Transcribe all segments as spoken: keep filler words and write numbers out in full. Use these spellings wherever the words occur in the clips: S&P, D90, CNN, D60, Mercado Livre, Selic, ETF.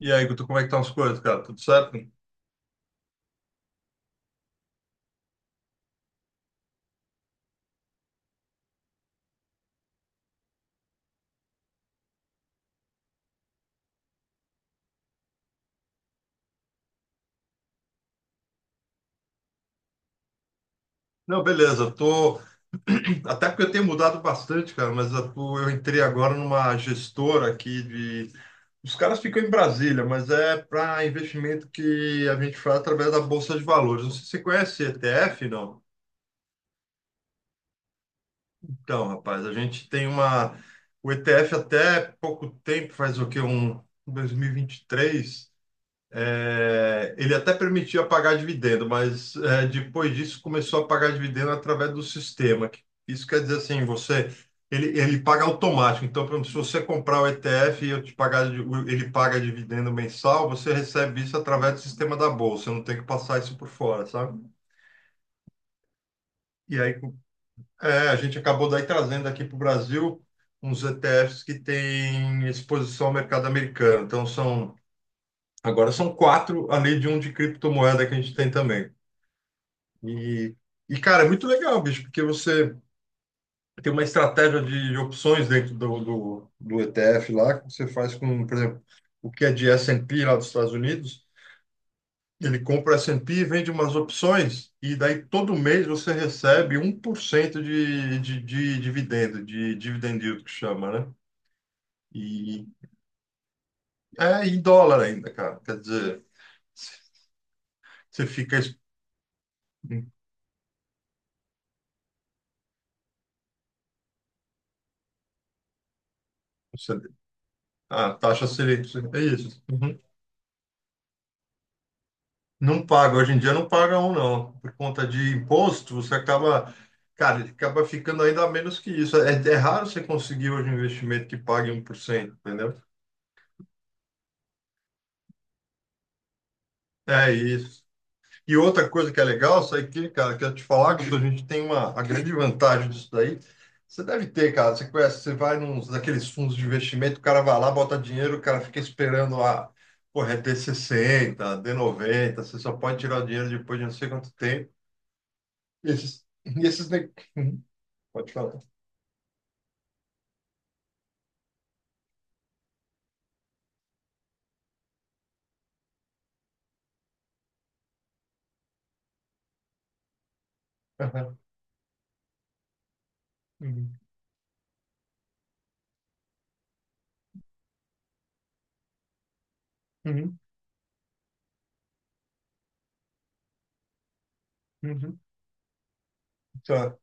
E aí, Guto, como é que estão as coisas, cara? Tudo certo? Não, beleza. Tô... Até porque eu tenho mudado bastante, cara, mas eu, tô- eu entrei agora numa gestora aqui de... Os caras ficam em Brasília, mas é para investimento que a gente faz através da Bolsa de Valores. Não sei se você conhece E T F, não? Então, rapaz, a gente tem uma... o E T F até pouco tempo, faz o quê? Um dois mil e e vinte e três. É, ele até permitia pagar dividendo, mas é, depois disso começou a pagar dividendo através do sistema. Isso quer dizer assim, você ele, ele paga automático. Então, por exemplo, se você comprar o E T F e eu te pagar, ele paga dividendo mensal, você recebe isso através do sistema da bolsa. Eu não tem que passar isso por fora, sabe? E aí é, a gente acabou daí trazendo aqui para o Brasil uns E T Fs que têm exposição ao mercado americano. Então são agora são quatro, além de um de criptomoeda que a gente tem também. E, e, cara, é muito legal, bicho, porque você tem uma estratégia de opções dentro do, do, do E T F lá, que você faz com, por exemplo, o que é de esse e pê lá dos Estados Unidos, ele compra esse e pê e P e vende umas opções, e daí todo mês você recebe um 1% de, de, de dividendo, de dividend yield que chama, né? E é em dólar ainda, cara. Quer dizer, você fica... ex- Você, a taxa Selic, é isso. Não paga, hoje em dia não paga um, não. Por conta de imposto, você acaba, cara, acaba ficando ainda menos que isso. É, é raro você conseguir hoje um investimento que pague um por cento, entendeu? É isso. E outra coisa que é legal, isso aqui, cara, que eu te falar, que a gente tem uma, a grande vantagem disso daí. Você deve ter, cara, você conhece, você vai nos daqueles fundos de investimento, o cara vai lá, bota dinheiro, o cara fica esperando a, porra, é D sessenta, dê noventa, você só pode tirar o dinheiro depois de não sei quanto tempo. Esses, e esses, ne- pode falar. Aham. Uhum. Uhum. Uhum. Tá.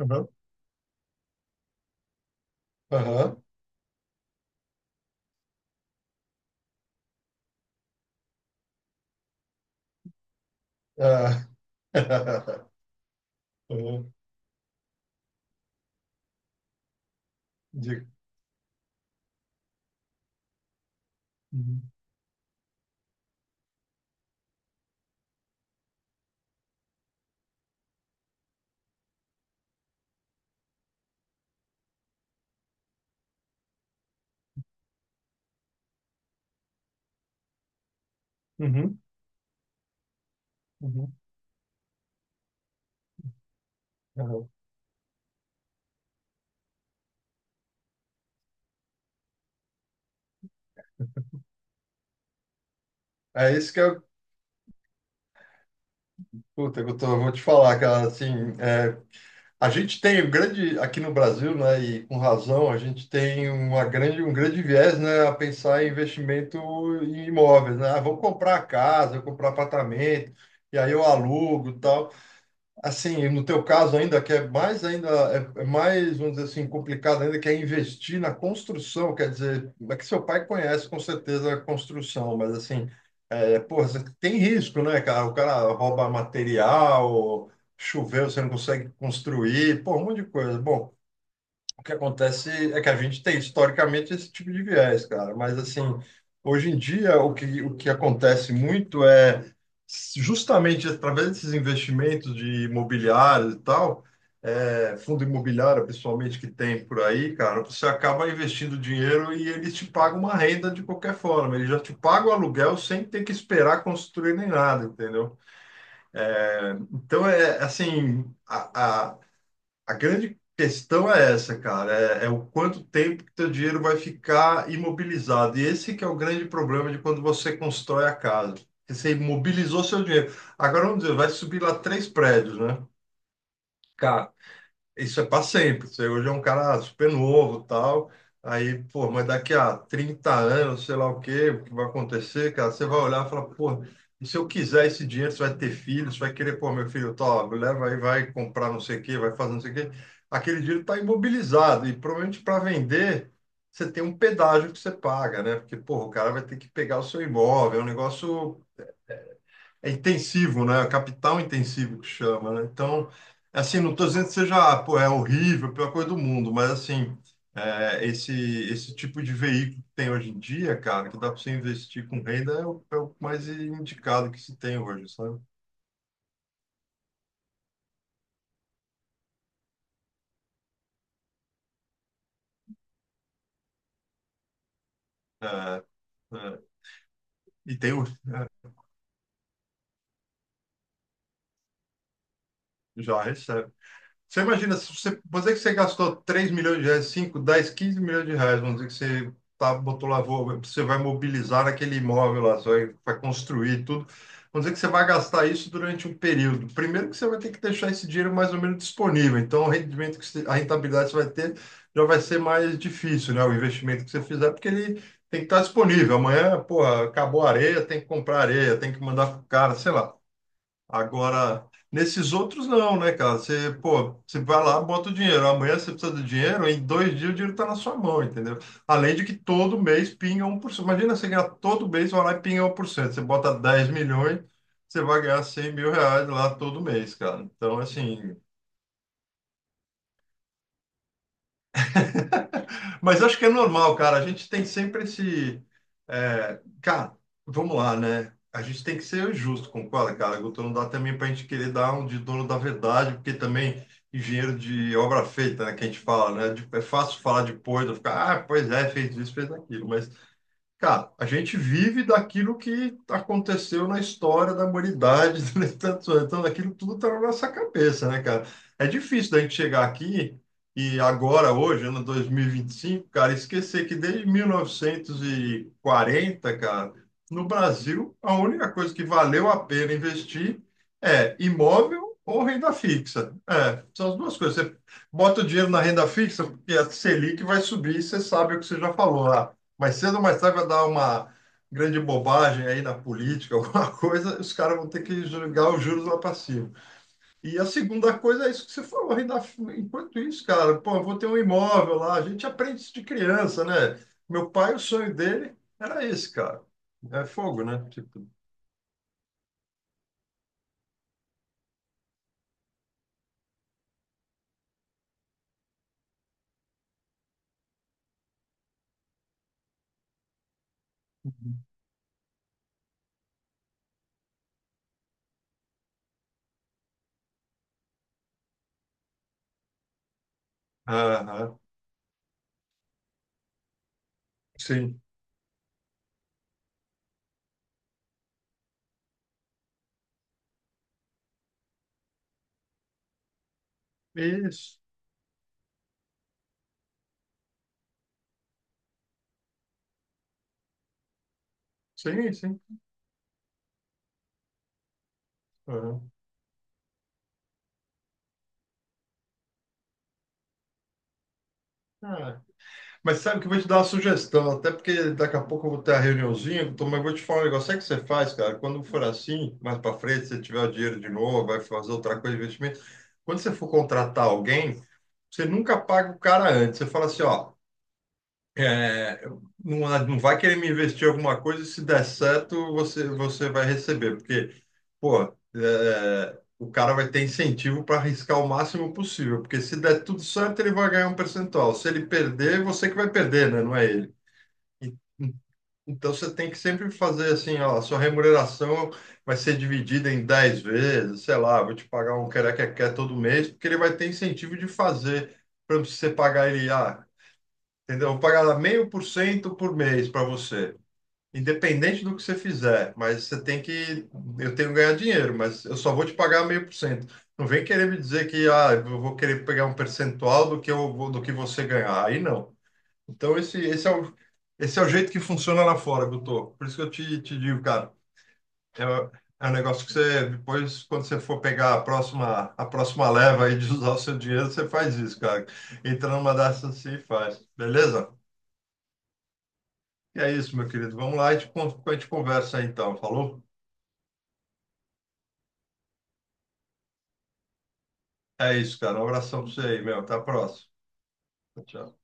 Aham. Aham. Ah. Aham. Digo. Uhum. Uhum. Uhum. Aham. É isso que eu, puta, que eu tô- eu vou te falar, cara, assim, é, a gente tem um grande, aqui no Brasil, né, e com razão, a gente tem uma grande, um grande viés, né, a pensar em investimento em imóveis, né, ah, vou comprar casa, vou comprar apartamento, e aí eu alugo e tal. Assim, no teu caso ainda, que é mais ainda, é é mais, vamos dizer assim, complicado ainda, que é investir na construção, quer dizer, é que seu pai conhece com certeza a construção, mas assim, é, porra, você tem risco, né, cara? O cara rouba material, choveu, você não consegue construir, pô, um monte de coisa. Bom, o que acontece é que a gente tem historicamente esse tipo de viés, cara, mas assim, hoje em dia o que, o que acontece muito é justamente através desses investimentos de imobiliário e tal, é, fundo imobiliário, principalmente que tem por aí, cara, você acaba investindo dinheiro e eles te pagam uma renda de qualquer forma, eles já te pagam o aluguel sem ter que esperar construir nem nada, entendeu? Então é assim, a, a- a grande questão é essa, cara, é, é o quanto tempo que teu dinheiro vai ficar imobilizado. E esse que é o grande problema de quando você constrói a casa. Porque você imobilizou seu dinheiro. Agora vamos dizer, vai subir lá três prédios, né? Cara, isso é para sempre. Você hoje é um cara super novo, tal. Aí, pô, mas daqui a trinta anos, sei lá o quê, o que vai acontecer, cara? Você vai olhar e falar, pô, e se eu quiser esse dinheiro, você vai ter filho, você vai querer, pô, meu filho, tá, leva aí, vai comprar não sei o quê, vai fazer não sei o quê. Aquele dinheiro está imobilizado e provavelmente para vender, você tem um pedágio que você paga, né? Porque, pô, o cara vai ter que pegar o seu imóvel, é um negócio é intensivo, né? Capital intensivo que chama, né? Então, assim, não estou dizendo que seja, ah, pô, é horrível, a pior coisa do mundo, mas assim, é, esse esse tipo de veículo que tem hoje em dia, cara, que dá para você investir com renda é o, é o mais indicado que se tem hoje, sabe? É, é, e tem o- já recebe. Você imagina, se você, vamos dizer que você gastou três milhões de reais, cinco, dez, quinze milhões de reais, vamos dizer que você tá, botou lá, vou- você vai mobilizar aquele imóvel lá, você vai, vai construir tudo. Vamos dizer que você vai gastar isso durante um período. Primeiro que você vai ter que deixar esse dinheiro mais ou menos disponível. Então, o rendimento que você, a rentabilidade que você vai ter já vai ser mais difícil, né? O investimento que você fizer, porque ele tem que estar disponível. Amanhã, pô, acabou a areia, tem que comprar areia, tem que mandar pro cara, sei lá. Agora, nesses outros não, né, cara? Você, pô, você vai lá, bota o dinheiro. Amanhã você precisa do dinheiro, em dois dias o dinheiro tá na sua mão, entendeu? Além de que todo mês pinga um por cento. Imagina você ganhar todo mês, vai lá e pinga um por cento. Você bota dez milhões, você vai ganhar cem mil reais lá todo mês, cara. Então, assim, mas acho que é normal, cara. A gente tem sempre esse. é, Cara, vamos lá, né? A gente tem que ser justo, concorda, cara? Guto, não dá também para a gente querer dar um de dono da verdade, porque também engenheiro de obra feita, né? Que a gente fala, né? De- É fácil falar depois, eu ficar, ah, pois é, fez isso, fez aquilo. Mas cara, a gente vive daquilo que aconteceu na história da humanidade durante tantos anos. Então, aquilo tudo está na nossa cabeça, né, cara? É difícil da gente chegar aqui e agora, hoje, ano dois mil e vinte e cinco, cara, esquecer que desde mil novecentos e quarenta, cara, no Brasil, a única coisa que valeu a pena investir é imóvel ou renda fixa. É, são as duas coisas. Você bota o dinheiro na renda fixa, porque a Selic vai subir, você sabe o que você já falou. Mas cedo ou mais tarde vai dar uma grande bobagem aí na política, alguma coisa, os caras vão ter que jogar os juros lá para cima. E a segunda coisa é isso que você falou, ainda, enquanto isso, cara, pô, eu vou ter um imóvel lá, a gente aprende isso de criança, né? Meu pai, o sonho dele era esse, cara. É fogo, né? Tipo, aham, sim. Isso, sim, sim. Aham. Ah, mas sabe que eu vou te dar uma sugestão, até porque daqui a pouco eu vou ter a reuniãozinha, então, mas eu vou te falar um negócio. Sabe o que você faz, cara? Quando for assim, mais para frente, você tiver o dinheiro de novo, vai fazer outra coisa de investimento. Quando você for contratar alguém, você nunca paga o cara antes. Você fala assim, ó, é, não, é, não vai querer me investir em alguma coisa, e se der certo, você, você vai receber, porque, pô, é, o cara vai ter incentivo para arriscar o máximo possível, porque se der tudo certo, ele vai ganhar um percentual. Se ele perder, é você que vai perder, né? Não é ele. E- Então você tem que sempre fazer assim, ó, a sua remuneração vai ser dividida em dez vezes, sei lá, vou te pagar um quer quer todo mês, porque ele vai ter incentivo de fazer. Por exemplo, se você pagar ele, ah, entendeu? Eu vou pagar meio por cento por mês para você, independente do que você fizer. Mas você tem que, eu tenho que ganhar dinheiro, mas eu só vou te pagar meio por cento. Não vem querer me dizer que ah, eu vou querer pegar um percentual do que eu vou- do que você ganhar. Aí não. Então esse, esse é o, esse é o jeito que funciona lá fora, Guto. Por isso que eu te, te digo, cara, é, é um negócio que você depois, quando você for pegar a próxima, a próxima leva aí de usar o seu dinheiro, você faz isso, cara. Entra numa dessas assim e faz, beleza? E é isso, meu querido. Vamos lá e te con- a gente conversa aí, então. Falou? É isso, cara. Um abração pra você aí, meu. Até a próxima. Tchau.